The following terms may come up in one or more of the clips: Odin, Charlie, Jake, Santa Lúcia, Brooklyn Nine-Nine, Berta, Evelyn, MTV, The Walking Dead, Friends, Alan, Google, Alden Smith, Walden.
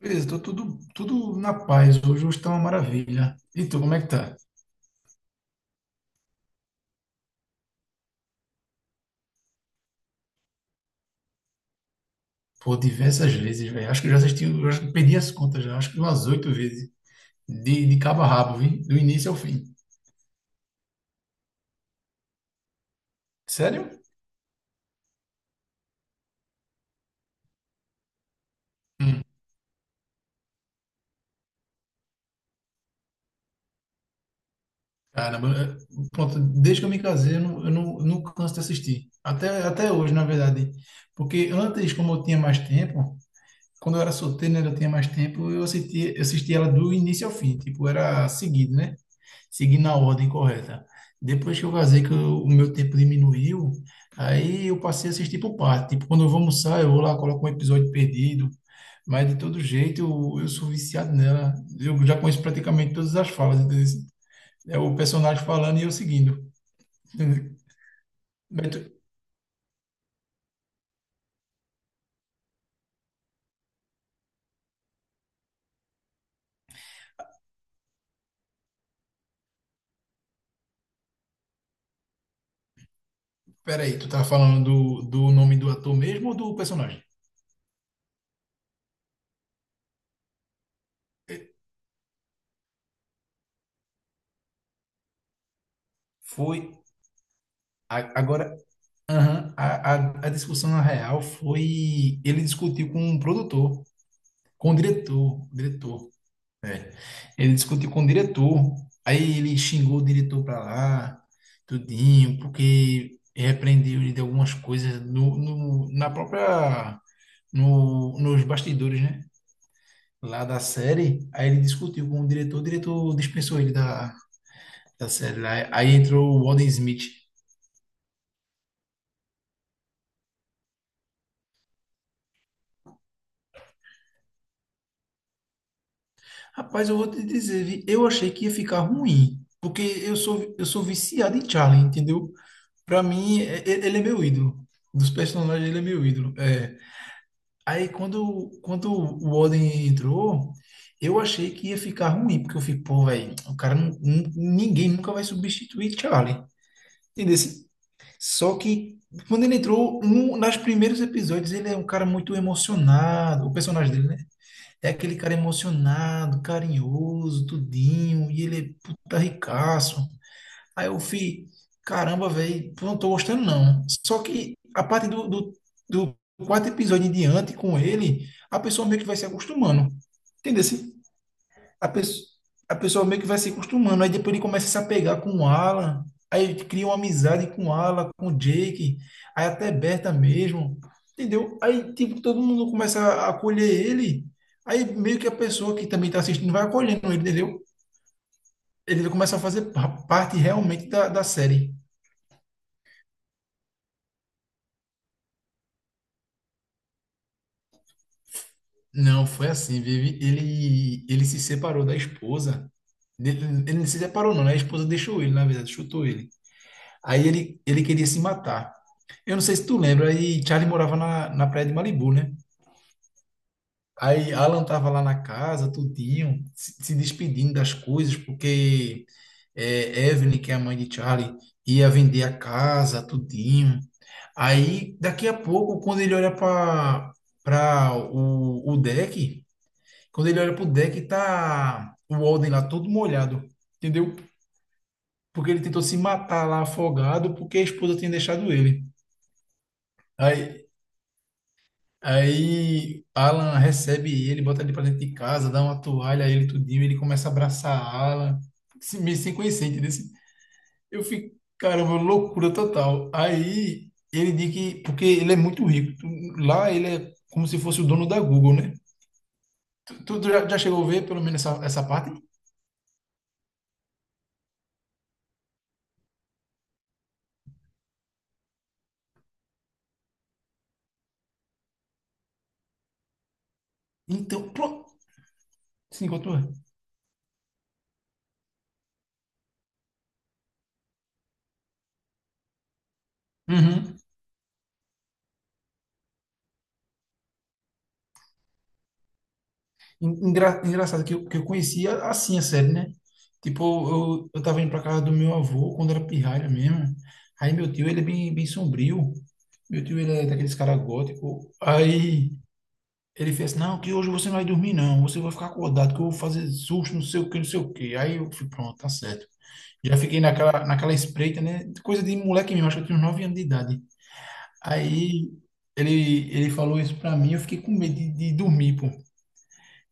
Beleza, tô tudo na paz. Hoje tá uma maravilha. E tu, como é que tá? Pô, diversas vezes, velho. Acho que eu já assisti, eu acho que perdi as contas já. Acho que umas oito vezes. De cabo a rabo, viu? Do início ao fim. Sério? Hum, caramba, pronto, desde que eu me casei, eu não canso de assistir. Até hoje, na verdade. Porque antes, como eu tinha mais tempo, quando eu era solteiro, né, eu tinha mais tempo, eu assistia ela do início ao fim. Tipo, era seguido, né? Seguindo a ordem correta. Depois que eu casei, o meu tempo diminuiu, aí eu passei a assistir por parte. Tipo, quando eu vou almoçar, eu vou lá, coloco um episódio perdido, mas de todo jeito eu sou viciado nela. Eu já conheço praticamente todas as falas, entendeu? É o personagem falando e eu seguindo. Entendeu? Mas tu- Peraí, tu tá falando do, nome do ator mesmo ou do personagem? Foi. Agora, aham, a discussão na real foi. Ele discutiu com um produtor. Com o diretor, é. Ele discutiu com o diretor, aí ele xingou o diretor pra lá, tudinho, porque repreendeu ele de algumas coisas na própria, no, nos bastidores, né? Lá da série, aí ele discutiu com o diretor dispensou ele da série lá. Aí entrou o Alden Smith. Rapaz, eu vou te dizer, vi, eu achei que ia ficar ruim, porque eu sou viciado em Charlie, entendeu? Pra mim, e- ele é meu ídolo. Dos personagens, ele é meu ídolo. É. Aí, quando o Odin entrou, eu achei que ia ficar ruim, porque eu fico, pô, velho, o cara, ninguém nunca vai substituir Charlie. Entendeu? Só que, quando ele entrou, no, nos primeiros episódios, ele é um cara muito emocionado. O personagem dele, né? É aquele cara emocionado, carinhoso, tudinho, e ele é puta ricaço. Aí eu fui, caramba, velho, não tô gostando não. Só que a partir do quarto episódio em diante com ele, a pessoa meio que vai se acostumando. Entendeu? Assim? A pessoa, a pessoa meio que vai se acostumando. Aí depois ele começa a se apegar com o Alan. Aí cria uma amizade com o Alan, com o Jake. Aí até Berta mesmo. Entendeu? Aí, tipo, todo mundo começa a acolher ele. Aí meio que a pessoa que também tá assistindo vai acolhendo ele, entendeu? Ele começa a fazer parte realmente da série. Não, foi assim, Vivi. Ele se separou da esposa. Ele, ele não se separou, não, né? A esposa deixou ele, na verdade, chutou ele. Aí ele queria se matar. Eu não sei se tu lembra, aí Charlie morava na praia de Malibu, né? Aí Alan tava lá na casa, tudinho, se despedindo das coisas, porque é, Evelyn, que é a mãe de Charlie, ia vender a casa, tudinho. Aí, daqui a pouco, quando ele olha para o deck, quando ele olha pro deck, tá o Walden lá todo molhado, entendeu? Porque ele tentou se matar lá afogado porque a esposa tinha deixado ele. Aí, aí Alan recebe ele, bota ele pra dentro de casa, dá uma toalha a ele tudinho, ele começa a abraçar Alan, meio sem conhecer, entendeu? Assim, eu fico, caramba, loucura total. Aí ele diz que, porque ele é muito rico, lá ele é como se fosse o dono da Google, né? Tu já, já chegou a ver pelo menos essa parte? Então, pronto, sim, continua. Uhum. Engraçado que eu conhecia assim a série, né? Tipo, eu tava indo pra casa do meu avô quando era pirralha mesmo. Aí meu tio, ele é bem sombrio. Meu tio, ele é daqueles caras góticos. Aí ele fez assim, não, que hoje você não vai dormir não. Você vai ficar acordado que eu vou fazer susto, não sei o que, não sei o que. Aí eu fui, pronto, tá certo. Já fiquei naquela espreita, né? Coisa de moleque mesmo, acho que eu tinha uns 9 anos de idade. Aí ele falou isso pra mim, eu fiquei com medo de dormir, pô.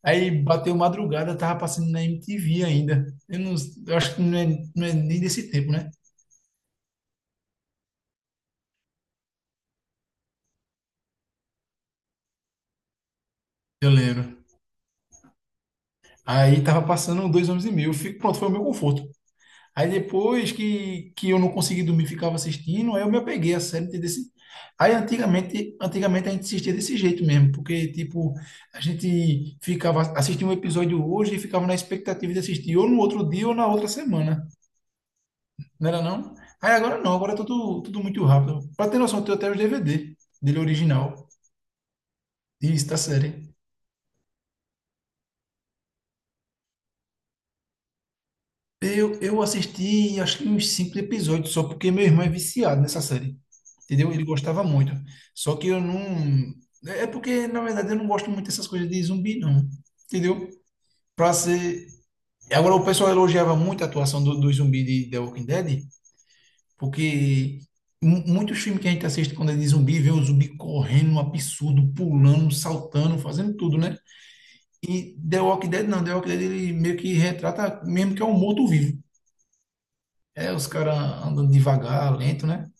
Aí bateu madrugada, tava passando na MTV ainda. Eu, não, eu acho que não é, não é nem desse tempo, né? Eu lembro. Aí tava passando dois homens e meio. Eu fico, pronto, foi o meu conforto. Aí depois que eu não consegui dormir, ficava assistindo, aí eu me apeguei a série desse. Aí antigamente a gente assistia desse jeito mesmo, porque tipo, a gente ficava assistia um episódio hoje e ficava na expectativa de assistir ou no outro dia ou na outra semana. Não era não? Aí agora não, agora é tudo muito rápido. Pra ter noção, eu tenho até os DVD dele original, isso, da série. Eu assisti, acho que uns cinco episódios só, porque meu irmão é viciado nessa série. Entendeu? Ele gostava muito. Só que eu não... É porque, na verdade, eu não gosto muito dessas coisas de zumbi, não. Entendeu? Pra ser... Agora, o pessoal elogiava muito a atuação do zumbi de The Walking Dead, porque muitos filmes que a gente assiste quando é de zumbi, vê o zumbi correndo, um absurdo, pulando, saltando, fazendo tudo, né? E The Walking Dead não, The Walking Dead ele meio que retrata mesmo que é um morto-vivo. É, os caras andando devagar, lento, né?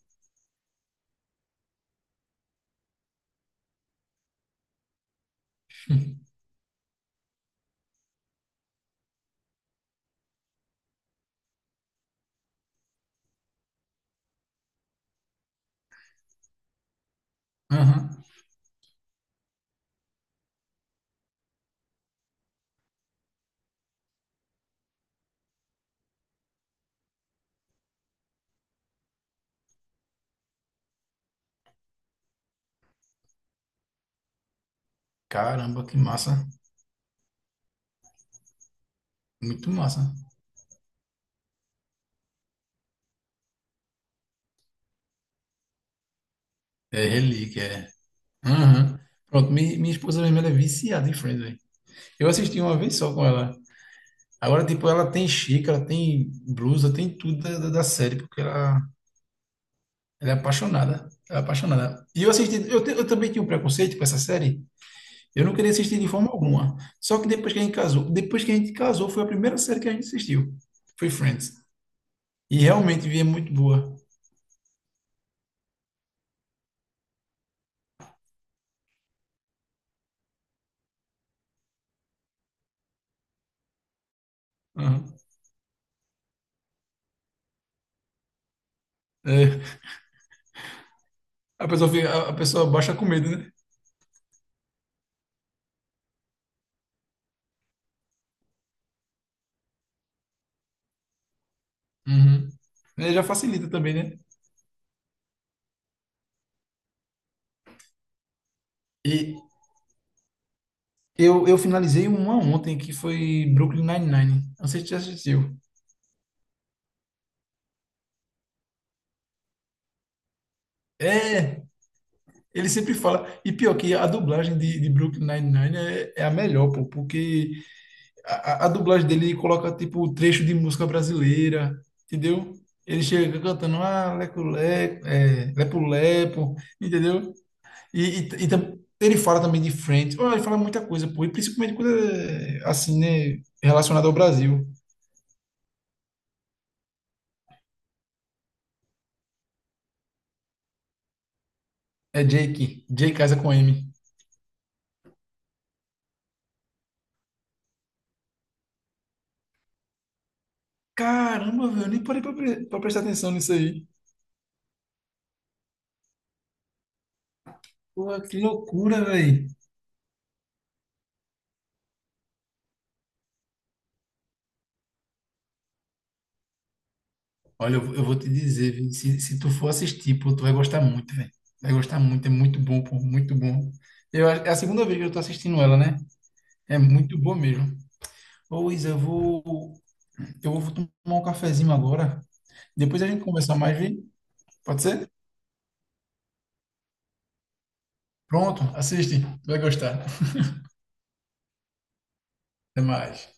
Aham. Caramba, que massa. Muito massa. É relíquia, é. Aham. Pronto, minha esposa mesmo, ela é viciada em Friends, velho. Eu assisti uma vez só com ela. Agora, tipo, ela tem xícara, tem blusa, tem tudo da série, porque ela... Ela é apaixonada. Ela é apaixonada. E eu assisti, eu também tinha um preconceito com essa série. Eu não queria assistir de forma alguma. Só que depois que a gente casou, foi a primeira série que a gente assistiu. Foi Friends. E realmente vi, é muito boa. Aham. É, a pessoa baixa com medo, né? Uhum. É, já facilita também, né? E eu finalizei uma ontem que foi Brooklyn Nine-Nine. Não sei se você já assistiu. É, ele sempre fala. E pior que a dublagem de Brooklyn Nine-Nine é a melhor, pô, porque a dublagem dele coloca tipo trecho de música brasileira, entendeu? Ele chega cantando ah, leco, leco, é, lepo, lepo, entendeu? Ele fala também de Friends. Oh, ele fala muita coisa, pô, e principalmente quando é assim, né, relacionado ao Brasil. É Jake, Jake casa com M. Caramba, velho, eu nem parei pra prestar atenção nisso aí. Pô, que loucura, velho. Olha, eu vou te dizer, vi, se tu for assistir, pô, tu vai gostar muito, velho. Vai gostar muito, é muito bom, pô, muito bom. Eu, é a segunda vez que eu tô assistindo ela, né? É muito boa mesmo. Ô, Isa, eu vou tomar um cafezinho agora. Depois a gente conversar mais, vi? Pode ser? Pronto, assiste. Tu vai gostar. Até mais.